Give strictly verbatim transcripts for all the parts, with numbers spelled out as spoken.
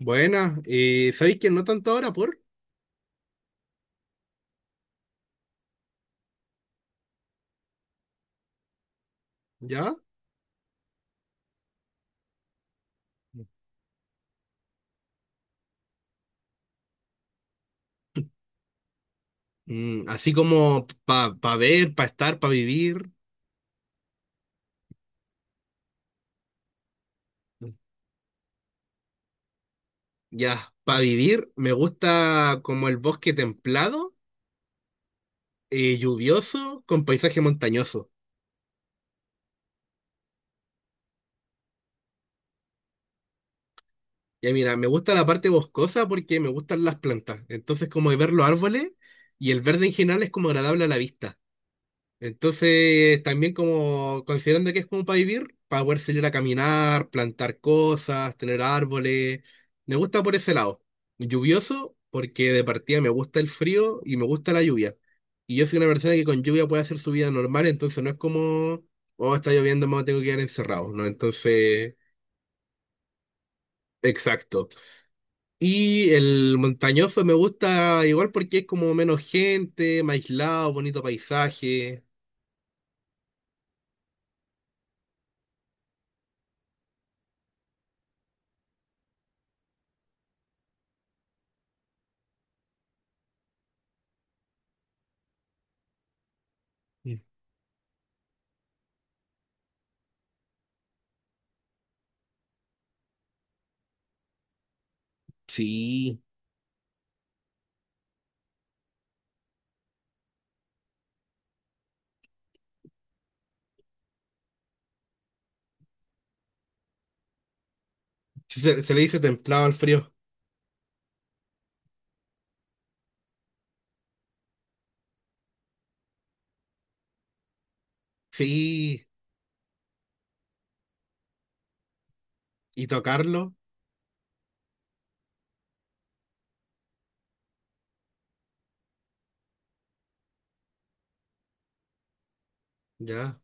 Buena, eh, ¿sabéis que no tanto ahora por? ¿Ya? Mm, así como para ver, para estar, para vivir. Ya, para vivir me gusta como el bosque templado, eh, lluvioso, con paisaje montañoso. Ya mira, me gusta la parte boscosa porque me gustan las plantas. Entonces como de ver los árboles y el verde en general es como agradable a la vista. Entonces, también como considerando que es como para vivir, para poder salir a caminar, plantar cosas, tener árboles. Me gusta por ese lado. Lluvioso, porque de partida me gusta el frío y me gusta la lluvia. Y yo soy una persona que con lluvia puede hacer su vida normal, entonces no es como, oh, está lloviendo, me tengo que quedar encerrado, ¿no? Entonces, exacto. Y el montañoso me gusta igual porque es como menos gente, más aislado, bonito paisaje. Sí. Sí, Se, se le dice templado al frío. Sí, y tocarlo, ya,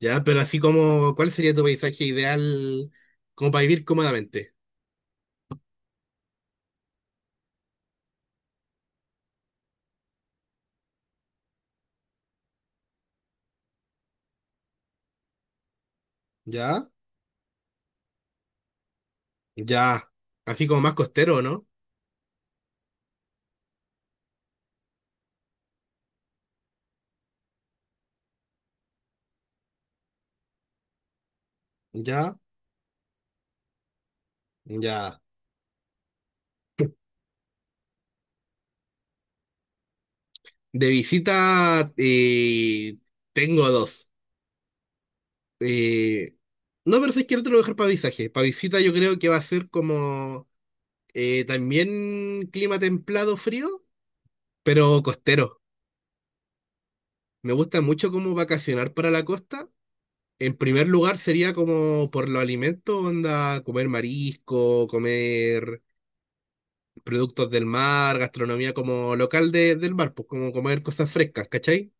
ya, pero así como, ¿cuál sería tu paisaje ideal como para vivir cómodamente? Ya, ya, así como más costero, ¿no? Ya, ya. De visita eh, tengo dos. Eh, no, pero si quiero otro lugar para paisaje. Para visita yo creo que va a ser como eh, también clima templado frío, pero costero. Me gusta mucho como vacacionar para la costa. En primer lugar sería como por los alimentos, onda, comer marisco, comer productos del mar, gastronomía como local de- del mar, pues como comer cosas frescas, ¿cachai?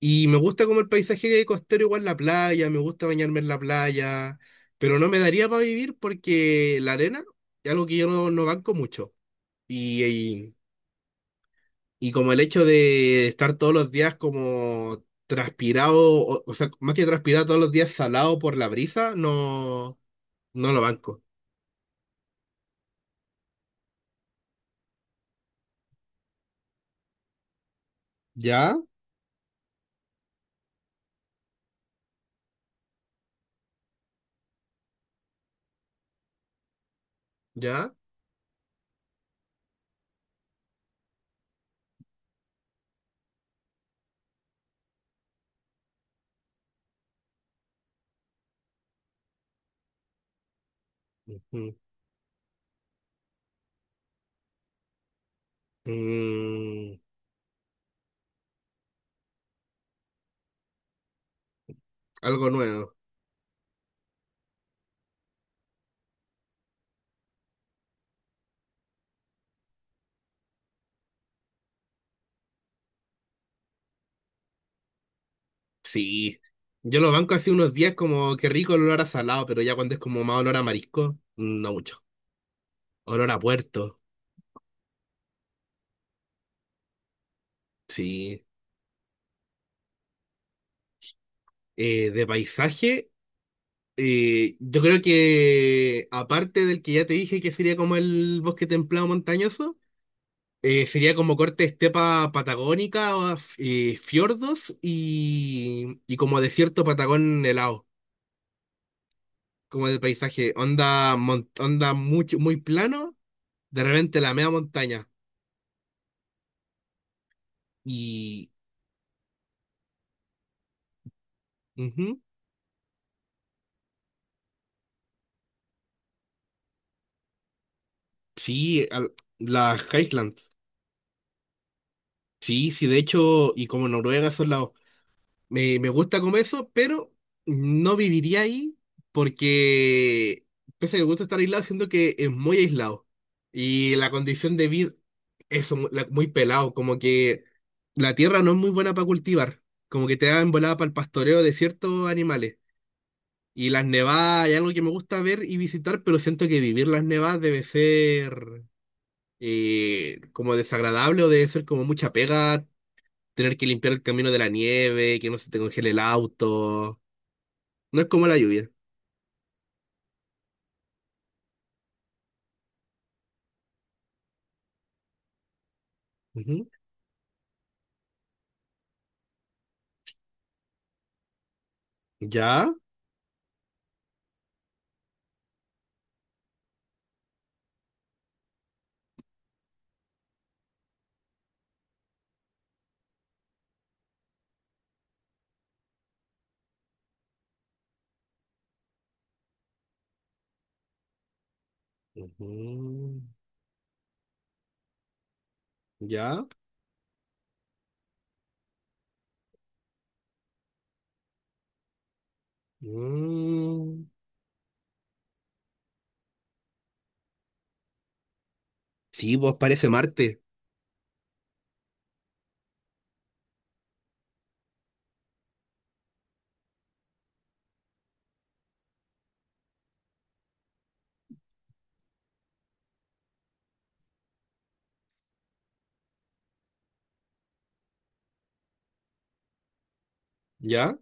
Y me gusta como el paisaje costero, igual la playa, me gusta bañarme en la playa, pero no me daría para vivir porque la arena es algo que yo no, no banco mucho. Y, y, y como el hecho de estar todos los días como transpirado, o, o sea, más que transpirado todos los días salado por la brisa, no... No lo banco. ¿Ya? ¿Ya? Ujú. Mm, Algo nuevo. Sí. Yo lo banco hace unos días como que rico el olor a salado, pero ya cuando es como más olor a marisco, no mucho. Olor a puerto. Sí. Eh, de paisaje, eh, yo creo que aparte del que ya te dije que sería como el bosque templado montañoso, eh, sería como corte estepa patagónica, o, eh, fiordos y, y como desierto patagón helado. Como de paisaje, onda, mon- onda mucho, muy plano, de repente la media montaña. Y ujú, sí, al- las Highlands. Sí, sí, de hecho, y como Noruega son lados. Me, me gusta comer eso, pero no viviría ahí porque, pese a que me gusta estar aislado, siento que es muy aislado. Y la condición de vida, eso, mu- la- muy pelado, como que la tierra no es muy buena para cultivar, como que te dan volada para el pastoreo de ciertos animales. Y las nevadas es algo que me gusta ver y visitar, pero siento que vivir las nevadas debe ser eh, como desagradable o debe ser como mucha pega tener que limpiar el camino de la nieve, que no se te congele el auto. No es como la lluvia. Ujú. ¿Ya? Ujú. ¿Ya? Mm. Sí, vos parece Marte. ¿Ya?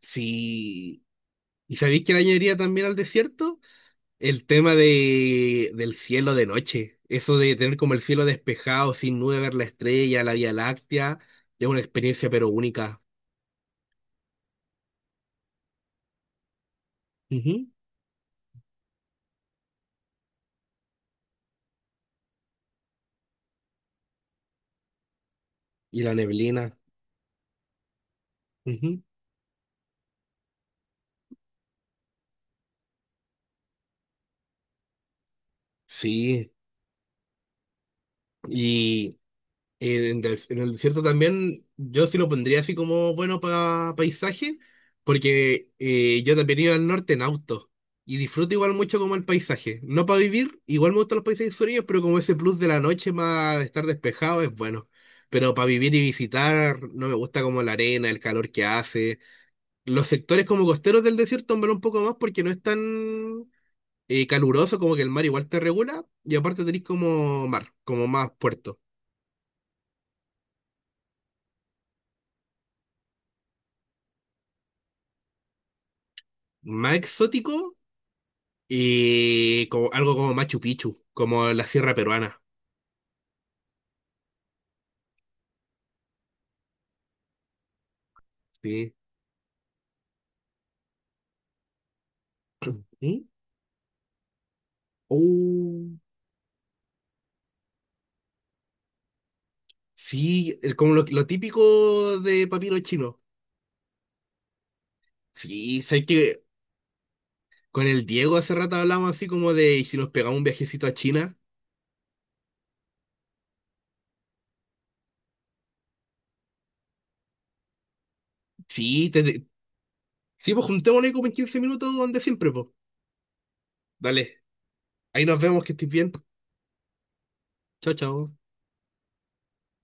Sí. ¿Y sabéis que le añadiría también al desierto? El tema de, del cielo de noche, eso de tener como el cielo despejado, sin nube, ver la estrella, la Vía Láctea, es una experiencia pero única. Ujú. Y la neblina. Ujú. Sí. En, des- en el desierto también yo sí lo pondría así como bueno para paisaje, porque eh, yo también iba al norte en auto y disfruto igual mucho como el paisaje. No para vivir, igual me gustan los paisajes sureños, pero como ese plus de la noche más de estar despejado es bueno. Pero para vivir y visitar no me gusta como la arena, el calor que hace. Los sectores como costeros del desierto, hombre, un poco más porque no es tan eh, caluroso como que el mar igual te regula y aparte tenés como mar, como más puerto. Más exótico. Y como, algo como Machu Picchu, como la sierra peruana. Sí. Sí. Oh, sí, el- como lo, lo típico de papiro chino. Sí, sabes que con el Diego hace rato hablamos así como de, ¿y si nos pegamos un viajecito a China? Sí, te, te- sí, pues juntémonos ahí como en quince minutos donde siempre, pues. Dale, ahí nos vemos, que estés bien. Chao, chao.